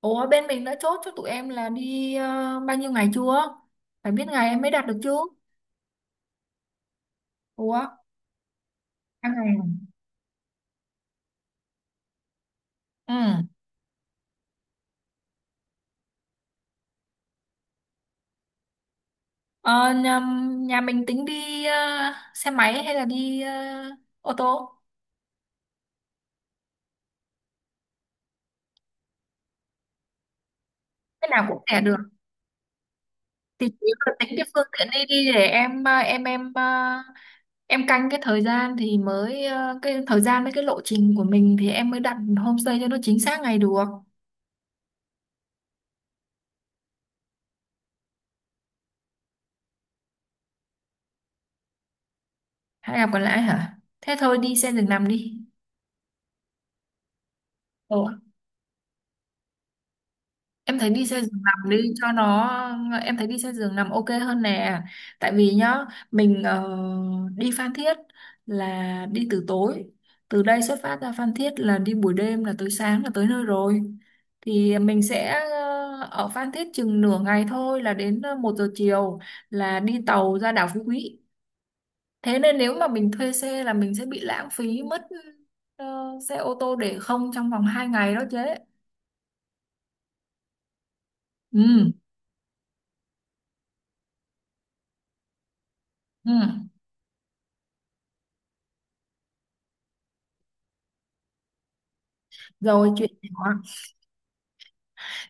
Ủa bên mình đã chốt cho tụi em là đi bao nhiêu ngày chưa? Phải biết ngày em mới đặt được chứ. Ủa? Ba ngày à? Ừ. Ờ, nhà, nhà mình tính đi xe máy hay là đi ô tô? Cái nào cũng rẻ được. Thì chỉ có tính cái phương tiện đi đi để em canh cái thời gian thì mới cái thời gian với cái lộ trình của mình thì em mới đặt homestay cho nó chính xác ngày được. Hay là còn lại hả? Thế thôi đi xe giường nằm đi. Ừ. Em thấy đi xe giường nằm đi cho nó em thấy đi xe giường nằm ok hơn nè. Tại vì nhá, mình đi Phan Thiết là đi từ tối. Từ đây xuất phát ra Phan Thiết là đi buổi đêm là tới sáng là tới nơi rồi. Thì mình sẽ ở Phan Thiết chừng nửa ngày thôi là đến 1 giờ chiều là đi tàu ra đảo Phú Quý. Thế nên nếu mà mình thuê xe là mình sẽ bị lãng phí mất ờ, xe ô tô để không trong vòng 2 ngày đó chứ. Ừ. Ừ. Rồi chuyện nhỏ.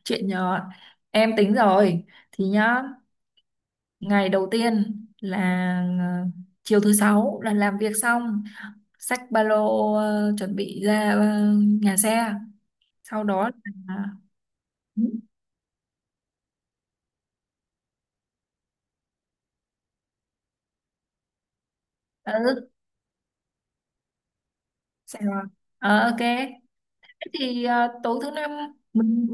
Chuyện nhỏ em tính rồi thì nhá, ngày đầu tiên là ờ, chiều thứ sáu là làm việc xong, xách ba lô chuẩn bị ra nhà xe, sau đó là ừ, ờ, ừ, xe rồi. Ok, thế thì ờ, tối thứ năm mình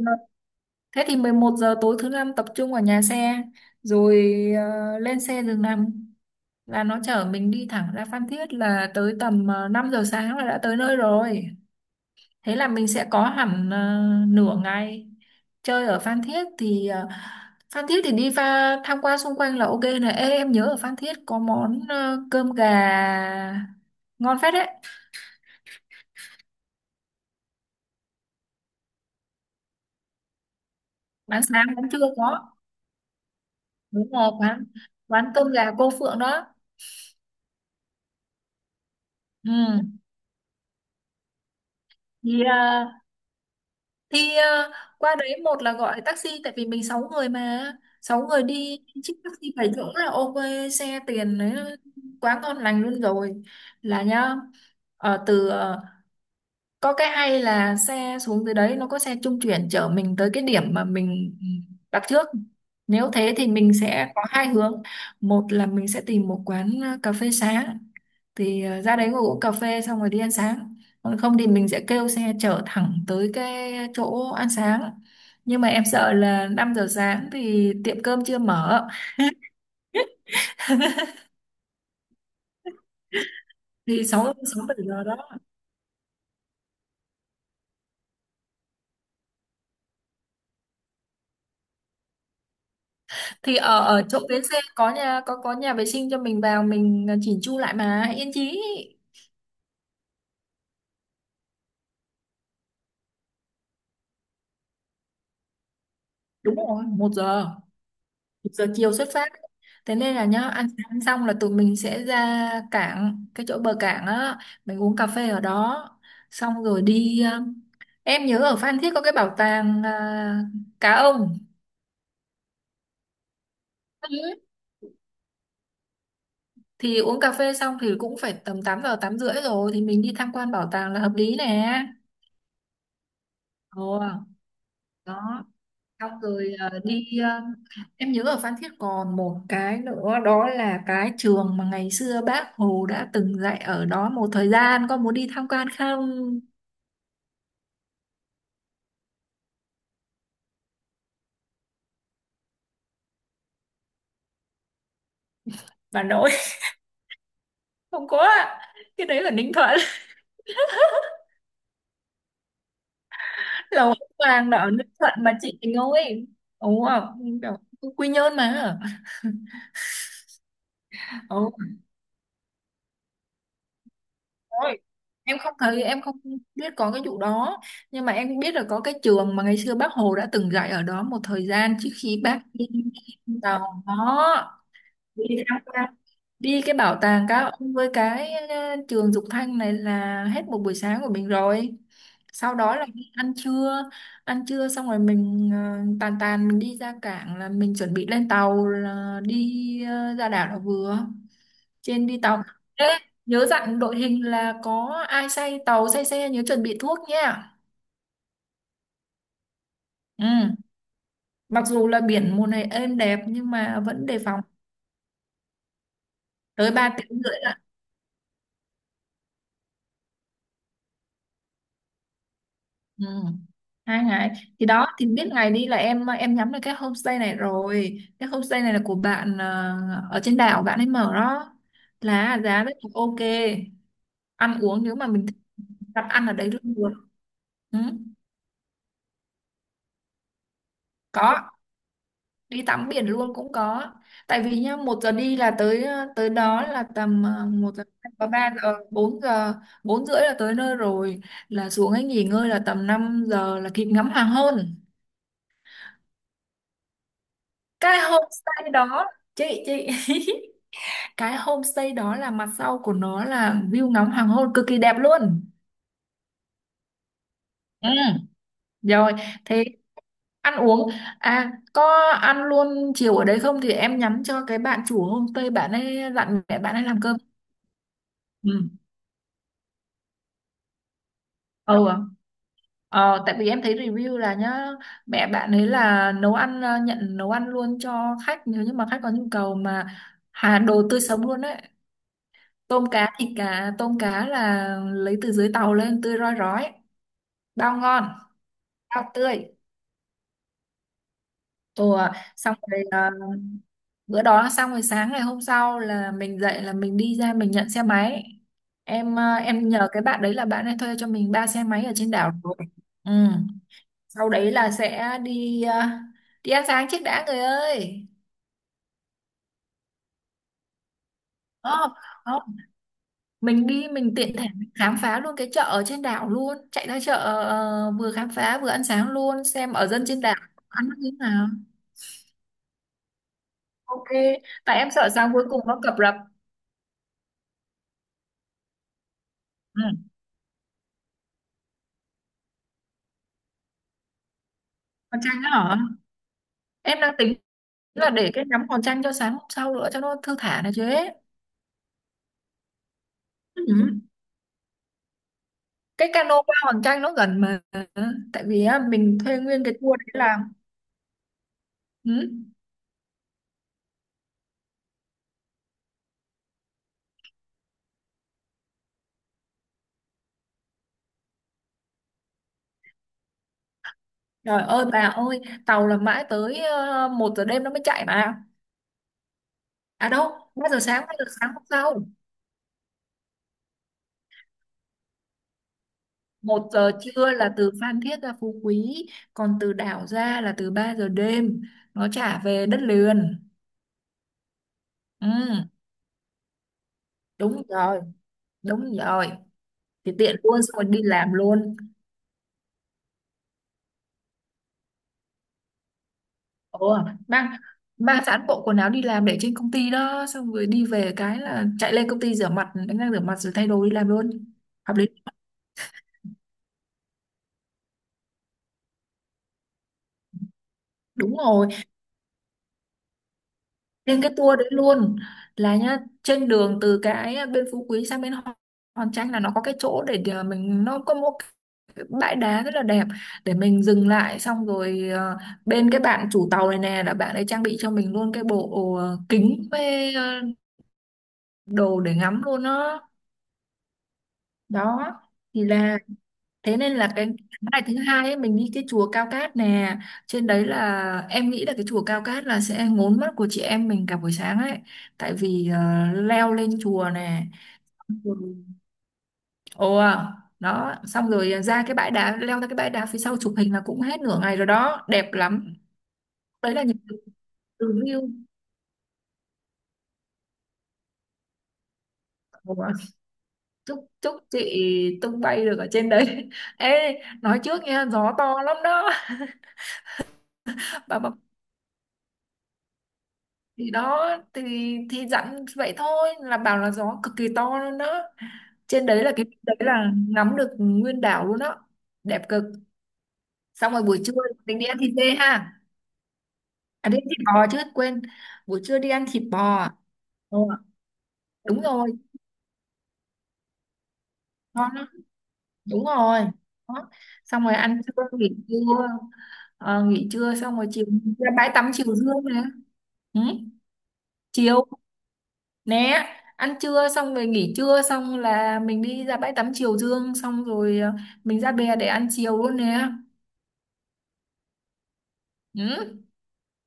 thế thì 11 giờ tối thứ năm tập trung ở nhà xe rồi lên xe giường nằm là nó chở mình đi thẳng ra Phan Thiết là tới tầm 5 giờ sáng là đã tới nơi rồi. Thế là mình sẽ có hẳn nửa ngày chơi ở Phan Thiết thì Phan Thiết thì đi tham quan xung quanh là ok này. Ê, em nhớ ở Phan Thiết có món cơm gà ngon phết đấy. Bán sáng bán trưa có. Đúng rồi, quán quán cơm gà cô Phượng đó. Ừ. Thì ờ, thì ờ, qua đấy, một là gọi taxi, tại vì mình 6 người mà, 6 người đi chiếc taxi phải chỗ là ok, xe tiền đấy, quá ngon lành luôn rồi, là nhá, ờ, từ ờ, có cái hay là xe xuống dưới đấy nó có xe trung chuyển chở mình tới cái điểm mà mình đặt trước. Nếu thế thì mình sẽ có hai hướng, một là mình sẽ tìm một quán cà phê sáng thì ra đấy ngồi uống cà phê xong rồi đi ăn sáng, còn không thì mình sẽ kêu xe chở thẳng tới cái chỗ ăn sáng. Nhưng mà em sợ là 5 giờ sáng thì tiệm cơm chưa mở. Thì sáu sáu bảy giờ đó thì ở ở chỗ bến xe có nhà vệ sinh cho mình vào mình chỉnh chu lại mà yên chí. Đúng rồi, một giờ, một giờ chiều xuất phát. Thế nên là nhá, ăn sáng xong là tụi mình sẽ ra cảng, cái chỗ bờ cảng á, mình uống cà phê ở đó xong rồi đi. Ờ, em nhớ ở Phan Thiết có cái bảo tàng cá ông. Ừ. Thì uống cà phê xong thì cũng phải tầm 8 giờ 8 rưỡi rồi, thì mình đi tham quan bảo tàng là hợp lý nè. Ồ, đó xong rồi đi. Em nhớ ở Phan Thiết còn một cái nữa, đó là cái trường mà ngày xưa bác Hồ đã từng dạy ở đó một thời gian, con muốn đi tham quan không? Bà nội. Không có ạ. Cái đấy ở Ninh Thuận. Lầu hoàng là ở Ninh Thuận mà chị ngồi ấy. Ồ à, kiểu Quy Nhơn mà. Ồ rồi, em không thấy, em không biết có cái vụ đó, nhưng mà em biết là có cái trường mà ngày xưa bác Hồ đã từng dạy ở đó một thời gian trước khi bác đi tàu đó. Đi tham quan đi cái bảo tàng cá ông với cái trường Dục Thanh này là hết một buổi sáng của mình rồi. Sau đó là đi ăn trưa. Ăn trưa xong rồi mình tàn tàn mình đi ra cảng là mình chuẩn bị lên tàu là đi ra đảo là vừa. Trên đi tàu. Ê, nhớ dặn đội hình là có ai say tàu say xe nhớ chuẩn bị thuốc nha. Ừ. Mặc dù là biển mùa này êm đẹp nhưng mà vẫn đề phòng. Tới 3 tiếng rưỡi ạ. Ừ. 2 ngày. Thì đó, thì biết ngày đi là em nhắm được cái homestay này rồi, cái homestay này là của bạn ở trên đảo bạn ấy mở đó, là giá rất là ok, ăn uống nếu mà mình đặt ăn ở đấy luôn được. Ừ. Có, đi tắm biển luôn cũng có. Tại vì nhá, một giờ đi là tới tới đó là tầm một giờ và ba giờ bốn giờ, bốn rưỡi là tới nơi rồi, là xuống ấy nghỉ ngơi là tầm 5 giờ là kịp ngắm hoàng hôn. Cái homestay đó, chị cái homestay đó là mặt sau của nó là view ngắm hoàng hôn cực kỳ đẹp luôn. Ừ rồi, thế, ăn uống, à có, ăn luôn chiều ở đấy không thì em nhắn cho cái bạn chủ homestay bạn ấy dặn mẹ bạn ấy làm cơm. Ừ. Ừ. ờ, Tại vì em thấy review là nhá, mẹ bạn ấy là nấu ăn, nhận nấu ăn luôn cho khách nếu như mà khách có nhu cầu mà, hà, đồ tươi sống luôn đấy, tôm cá thịt, cá tôm cá là lấy từ dưới tàu lên tươi rói rói, bao ngon, bao tươi. Ồ, xong rồi à, bữa đó xong rồi sáng ngày hôm sau là mình dậy là mình đi ra mình nhận xe máy. Em à, em nhờ cái bạn đấy là bạn ấy thuê cho mình 3 xe máy ở trên đảo rồi. Ừ. Sau đấy là sẽ đi đi ăn sáng trước đã người ơi. Đó, đó. Mình đi mình tiện thể mình khám phá luôn cái chợ ở trên đảo luôn, chạy ra chợ vừa khám phá vừa ăn sáng luôn, xem ở dân trên đảo ăn như thế nào. Ok, tại em sợ sáng cuối cùng nó cập rập. Ừ. Còn Tranh đó hả? Em đang tính là để cái ngắm hòn tranh cho sáng hôm sau nữa cho nó thư thả này chứ ấy. Ừ. Cái cano qua hòn tranh nó gần mà. Ừ. Tại vì á, mình thuê nguyên cái tour để làm. Ừ. Trời ơi bà ơi, tàu là mãi tới 1 giờ đêm nó mới chạy mà, à đâu 3 giờ sáng, 3 giờ sáng hôm sau. 1 giờ trưa là từ Phan Thiết ra Phú Quý, còn từ đảo ra là từ 3 giờ đêm nó trả về đất liền. Ừ. Đúng rồi, đúng rồi, thì tiện luôn xong rồi đi làm luôn. Ồ, mang mang sẵn bộ quần áo đi làm để trên công ty đó, xong rồi đi về cái là chạy lên công ty rửa mặt đánh răng, rửa mặt rồi thay đồ đi làm luôn. Hợp lý. Đúng rồi, lên cái tour đấy luôn. Là nhá, trên đường từ cái bên Phú Quý sang bên Hòn Hòn Tranh là nó có cái chỗ để mình, nó có một cái bãi đá rất là đẹp để mình dừng lại xong rồi bên cái bạn chủ tàu này nè là bạn ấy trang bị cho mình luôn cái bộ kính với đồ để ngắm luôn đó. Đó, thì là, thế nên là cái ngày thứ 2 ấy mình đi cái chùa Cao Cát nè, trên đấy là em nghĩ là cái chùa Cao Cát là sẽ ngốn mắt của chị em mình cả buổi sáng ấy, tại vì leo lên chùa nè. Ừ. Ồ à, đó xong rồi ra cái bãi đá, leo ra cái bãi đá phía sau chụp hình là cũng hết nửa ngày rồi đó, đẹp lắm. Đấy là những review. Ồ, chúc chúc chị tung bay được ở trên đấy. Ê, nói trước nha, gió to lắm đó. Bà, thì đó, thì thì dặn vậy thôi là bảo là gió cực kỳ to luôn đó, trên đấy là cái đấy là ngắm được nguyên đảo luôn đó, đẹp cực. Xong rồi buổi trưa mình đi ăn thịt dê ha. À, đi ăn thịt bò chứ quên. Buổi trưa đi ăn thịt bò à? Ừ. Đúng rồi, ngon lắm. Đúng rồi đó. Xong rồi ăn trưa nghỉ trưa. Ờ, nghỉ trưa xong rồi chiều ra bãi tắm chiều dương này. Ừ. Chiều, nè, ăn trưa xong rồi nghỉ trưa xong là mình đi ra bãi tắm Triều Dương xong rồi mình ra bè để ăn chiều luôn nè. Ừ,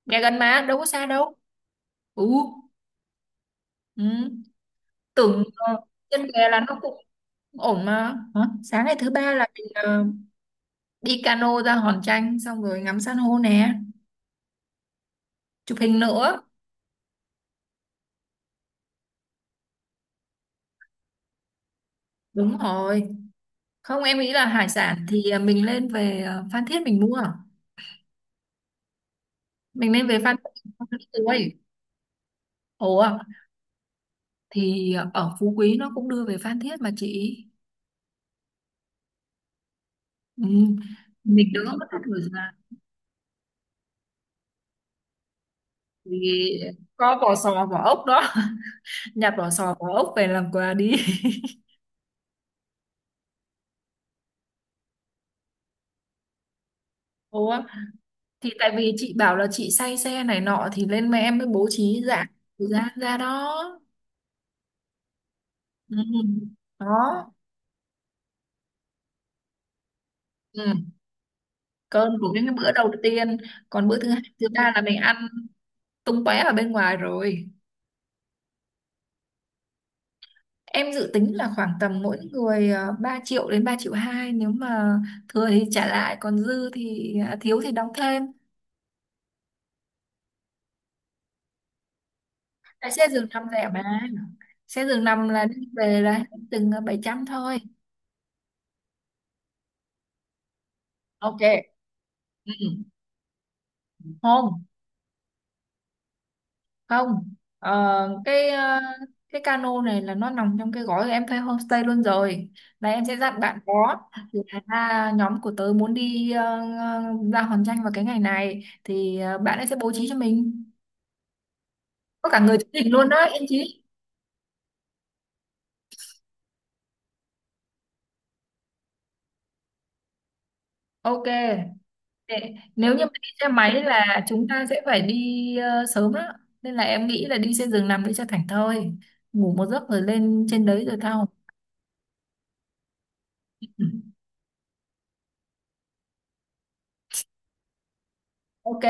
bè gần mà, đâu có xa đâu. Ừ, ừ. Tưởng trên bè là nó cũng ổn mà. Hả? Sáng ngày thứ 3 là mình đi cano ra Hòn Tranh xong rồi ngắm san hô nè, chụp hình nữa. Đúng rồi. Không, em nghĩ là hải sản thì mình lên về Phan Thiết mình mua. Mình lên về Phan Thiết mình mua cái túi. Ủa? Thì ở Phú Quý nó cũng đưa về Phan Thiết mà chị. Ừ. Mình đỡ mất thất thời gian, vì có vỏ sò vỏ ốc đó. Nhặt vỏ sò vỏ ốc về làm quà đi. Ủa, thì tại vì chị bảo là chị say xe này nọ thì lên mẹ em mới bố trí giãn thời gian ra đó. Ừ. Đó. Ừ. Cơm của những cái bữa đầu tiên, còn bữa thứ hai thứ ba là mình ăn tung tóe ở bên ngoài rồi. Em dự tính là khoảng tầm mỗi người 3 triệu đến 3,2 triệu, nếu mà thừa thì trả lại, còn dư thì à, thiếu thì đóng thêm. Tại xe giường nằm rẻ mà. Xe giường nằm là đi về là hết từng 700 thôi. Ok. Ừ. Không, không. Ờ, cái cái cano này là nó nằm trong cái gói em thuê homestay luôn rồi. Là em sẽ dặn bạn đó là nhóm của tớ muốn đi ờ, ra Hòn Tranh vào cái ngày này thì bạn ấy sẽ bố trí cho mình. Có cả người chụp hình luôn đó, Yên Chí. Ok. Để- nếu như mà đi xe máy là chúng ta sẽ phải đi sớm đó, nên là em nghĩ là đi xe giường nằm đi cho thảnh thơi, ngủ một giấc rồi lên trên đấy rồi tao. Ừ. Ok.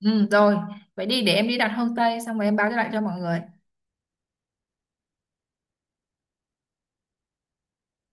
Ừ, rồi vậy đi, để em đi đặt homestay xong rồi em báo lại cho mọi người.